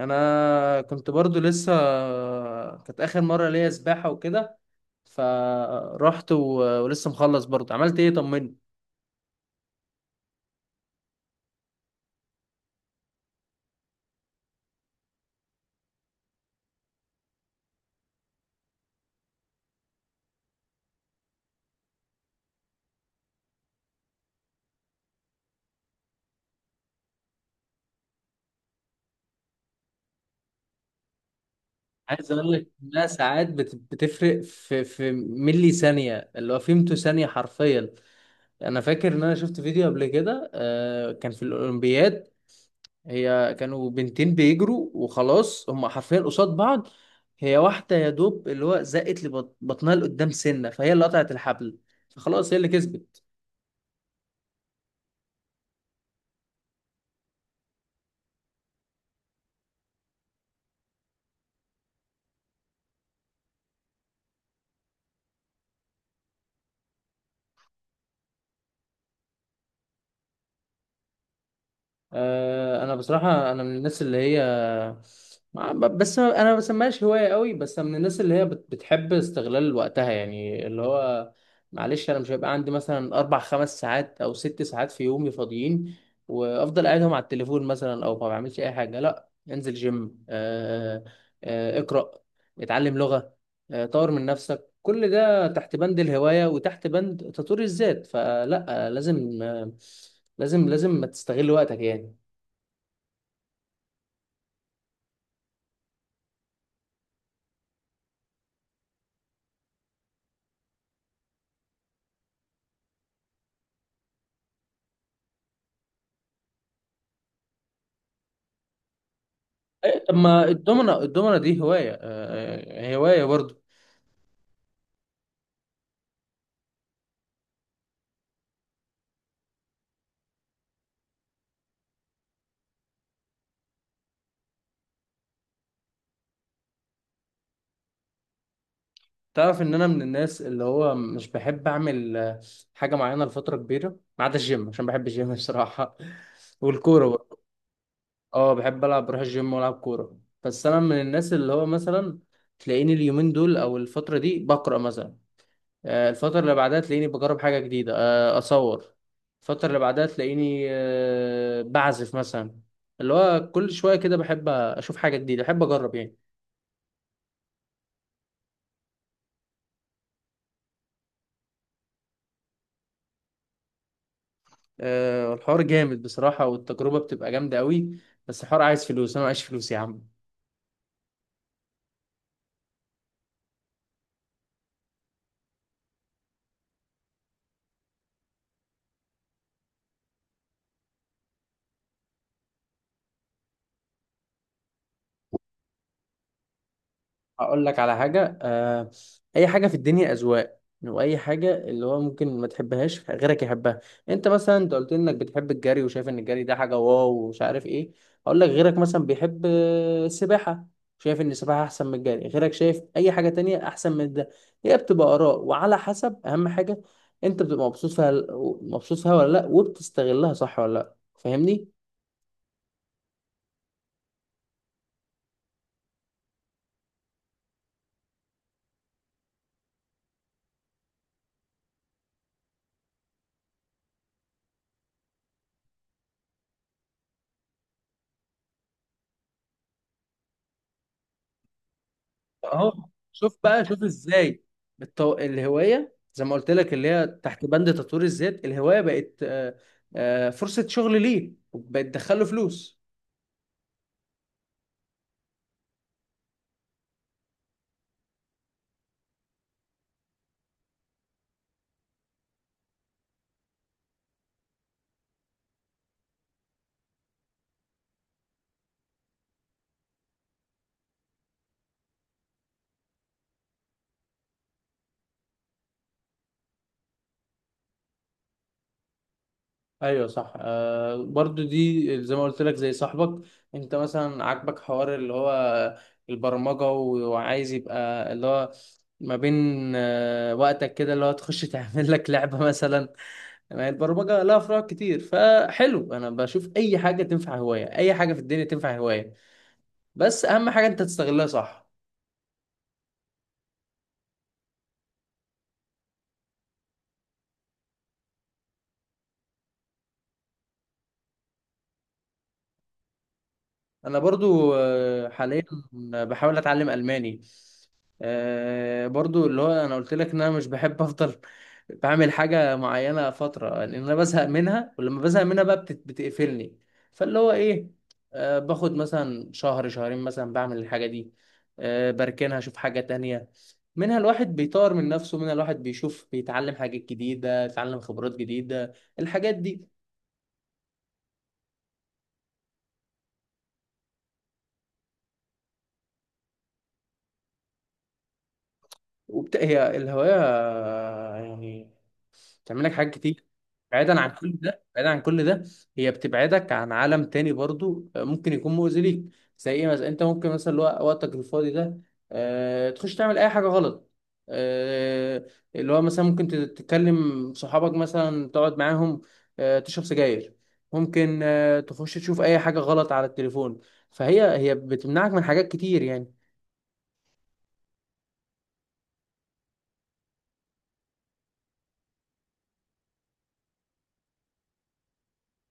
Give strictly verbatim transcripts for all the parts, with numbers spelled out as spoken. انا كنت برضو لسه، كانت اخر مره ليا سباحه وكده. فرحت و... ولسه مخلص برضو، عملت ايه؟ طمني. عايز اقول لك انها ساعات بت... بتفرق في في ملي ثانيه، اللي هو فيمتو ثانيه حرفيا. انا فاكر ان انا شفت فيديو قبل كده، آه، كان في الاولمبياد. هي كانوا بنتين بيجروا وخلاص، هم حرفيا قصاد بعض. هي واحده يا دوب اللي هو زقت لبطنها لقدام سنه، فهي اللي قطعت الحبل، فخلاص هي اللي كسبت. آه، انا بصراحه، انا من الناس اللي هي ما- ب- بس انا ما بسميهاش هوايه قوي، بس أنا من الناس اللي هي بت- بتحب استغلال وقتها. يعني اللي هو معلش، انا مش هيبقى عندي مثلا اربع خمس ساعات او ست ساعات في يومي فاضيين وافضل قاعدهم على التليفون مثلا، او ما بعملش اي حاجه. لا، انزل جيم، آه، آه، اقرا، اتعلم لغه، آه، طور من نفسك. كل ده تحت بند الهوايه وتحت بند تطوير الذات. فلا، آه، لازم، آه، لازم لازم تستغل وقتك يعني. إيه، طب ما الدومنة الدومنة دي هواية، آه، آه، هواية برضو. تعرف ان انا من الناس اللي هو مش بحب اعمل آه، حاجة معينة لفترة كبيرة، ما عدا الجيم عشان بحب الجيم الصراحة. والكورة برضو. اه، بحب العب، بروح الجيم والعب كورة. بس انا من الناس اللي هو مثلا تلاقيني اليومين دول او الفترة دي بقرأ مثلا، آه، الفترة اللي بعدها تلاقيني بجرب حاجة جديدة، آه، أصور. الفترة اللي بعدها تلاقيني آه، بعزف مثلا. اللي هو كل شوية كده بحب أشوف حاجة جديدة، بحب أجرب يعني. آه، الحوار جامد بصراحة، والتجربة بتبقى جامدة قوي، بس الحوار عايز فلوس، أنا معيش فلوس يا عم. هقول لك على حاجة. آه، أي حاجة في الدنيا أذواق، وأي حاجة اللي هو ممكن ما تحبهاش غيرك يحبها. أنت مثلا أنت قلت لي إنك بتحب الجري، وشايف إن الجري ده حاجة واو ومش عارف إيه. هقول لك غيرك مثلا بيحب آه، السباحة، شايف إن السباحة أحسن من الجري، غيرك شايف أي حاجة تانية أحسن من ده. هي بتبقى آراء، وعلى حسب أهم حاجة أنت بتبقى مبسوط فيها، مبسوط فيها ولا لأ، وبتستغلها صح ولا لأ. فاهمني؟ اهو، شوف بقى شوف ازاي. التو... الهوايه زي ما قلت لك، اللي هي تحت بند تطوير الذات، الهوايه بقت آه، آه، فرصه شغل، ليه بقت تدخله فلوس. ايوه صح، آه برضو دي زي ما قلت لك زي صاحبك. انت مثلا عاجبك حوار اللي هو البرمجة، و- وعايز يبقى اللي هو ما بين آه وقتك كده اللي هو تخش تعمل لك لعبة مثلا. ما هي البرمجة لها فروع كتير، فحلو. انا بشوف اي حاجة تنفع هواية، اي حاجة في الدنيا تنفع هواية، بس اهم حاجه انت تستغلها صح. انا برضو آه، حاليا بحاول اتعلم الماني. آه، برضو اللي هو انا قلت لك ان انا مش بحب افضل بعمل حاجه معينه فتره، لان انا بزهق منها، ولما بزهق منها بقى بتت- بتقفلني. فاللي هو ايه، آه، باخد مثلا شهر شهرين مثلا بعمل الحاجه دي، آه، بركنها اشوف حاجه تانية. منها الواحد بيطور من نفسه، منها الواحد بيشوف بيتعلم حاجات جديده، يتعلم خبرات جديده الحاجات دي. وبت... هي الهواية يعني بتعمل لك حاجات كتير. بعيدا عن كل ده، بعيدا عن كل ده، هي بتبعدك عن عالم تاني برضو آه، ممكن يكون مؤذي ليك. زي ايه مثلا، انت ممكن مثلا الوق- وقتك الفاضي ده آه... تخش تعمل اي حاجة غلط. آه... اللي هو مثلا ممكن تت- تتكلم صحابك مثلا تقعد معاهم، آه... تشرب سجاير، ممكن آه... تخش تشوف اي حاجة غلط على التليفون. فهي، هي بتمنعك من حاجات كتير يعني.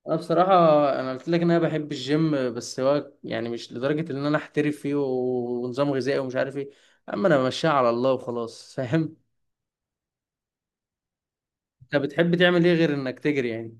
انا بصراحه انا قلت لك ان انا بحب الجيم، بس هو يعني مش لدرجه ان انا احترف فيه و- ونظام غذائي ومش عارف ايه. اما انا ماشيها على الله وخلاص، فاهم. انت بتحب تعمل ايه غير انك تجري يعني؟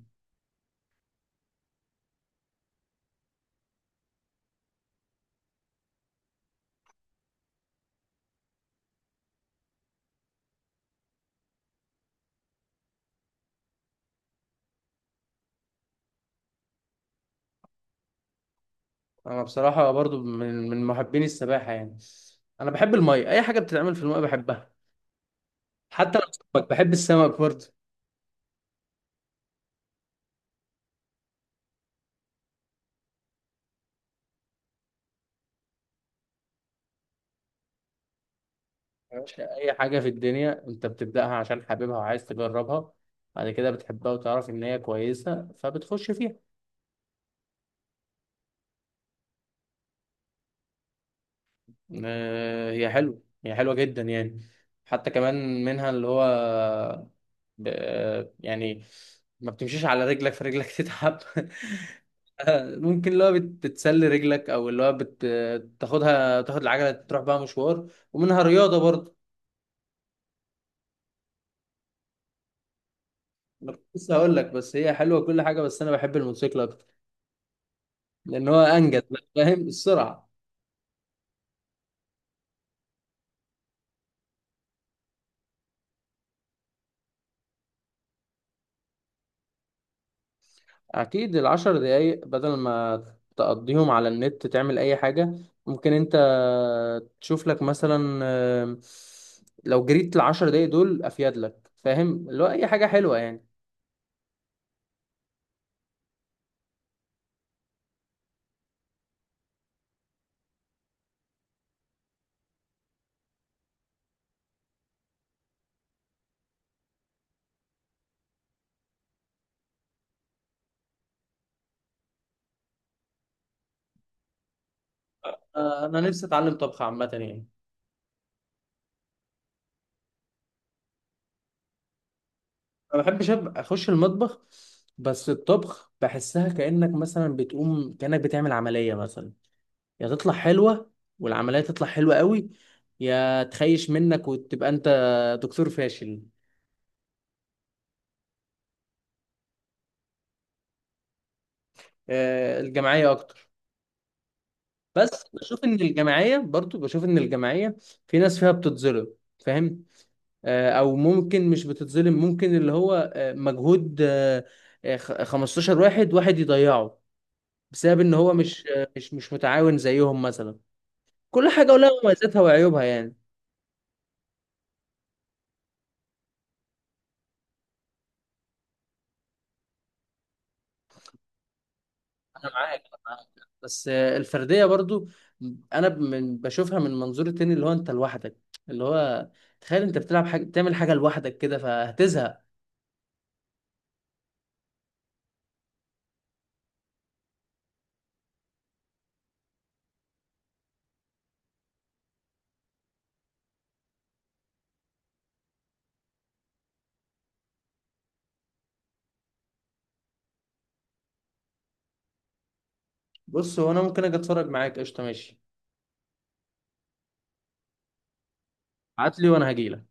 انا بصراحه برضو من من محبين السباحه يعني. انا بحب الميه، اي حاجه بتتعمل في الميه بحبها، حتى لو سمك، بحب السمك برضو. يا باشا، اي حاجه في الدنيا انت بتبداها عشان حاببها وعايز تجربها، بعد كده بتحبها وتعرف ان هي كويسه فبتخش فيها. آه، هي حلوة، هي حلوة جدا يعني. حتى كمان منها اللي هو ب... آه، يعني ما بتمشيش على رجلك فرجلك تتعب، آه، ممكن اللي هو بت- بتسلي رجلك، او اللي هو بت... تاخدها، تاخد العجلة تروح بقى مشوار، ومنها رياضة برضه. انا كنت لسه هقول لك، بس هي حلوة كل حاجة، بس انا بحب الموتوسيكل اكتر، لان هو انجز بقى، فاهم، السرعة. اكيد العشر دقايق بدل ما تقضيهم على النت تعمل اي حاجة، ممكن انت تشوف لك مثلا، آه، لو جريت العشر دقايق دول افيد لك، فاهم، اللي هو اي حاجة حلوة يعني. آه، انا نفسي اتعلم طبخ عامة يعني. ما بحبش أبقى اخش المطبخ، بس الطبخ بحسها كأنك مثلا بتقوم كأنك بتعمل عملية مثلا. يا تطلع حلوة والعملية تطلع حلوة قوي، يا تخيش منك وتبقى انت دكتور فاشل. آه، الجماعية اكتر. بس بشوف ان الجماعيه برضو، بشوف ان الجماعيه في ناس فيها بتتظلم، فاهم، آه، او ممكن مش بتتظلم، ممكن اللي هو آه، مجهود آه، آه، خ- خمسة عشر واحد واحد يضيعه بسبب ان هو مش آه، مش مش متعاون زيهم مثلا. كل حاجه ولها مميزاتها وعيوبها يعني. انا معاك، أنا معاك. بس آه، الفرديه برضو انا ب- من بشوفها من منظور تاني، اللي هو انت لوحدك، اللي هو تخيل انت بتلعب حاجه، بتعمل حاجه لوحدك كده فهتزهق. بص هو انا ممكن اجي اتفرج معاك، قشطه ماشي. ابعت لي وانا هجيلك.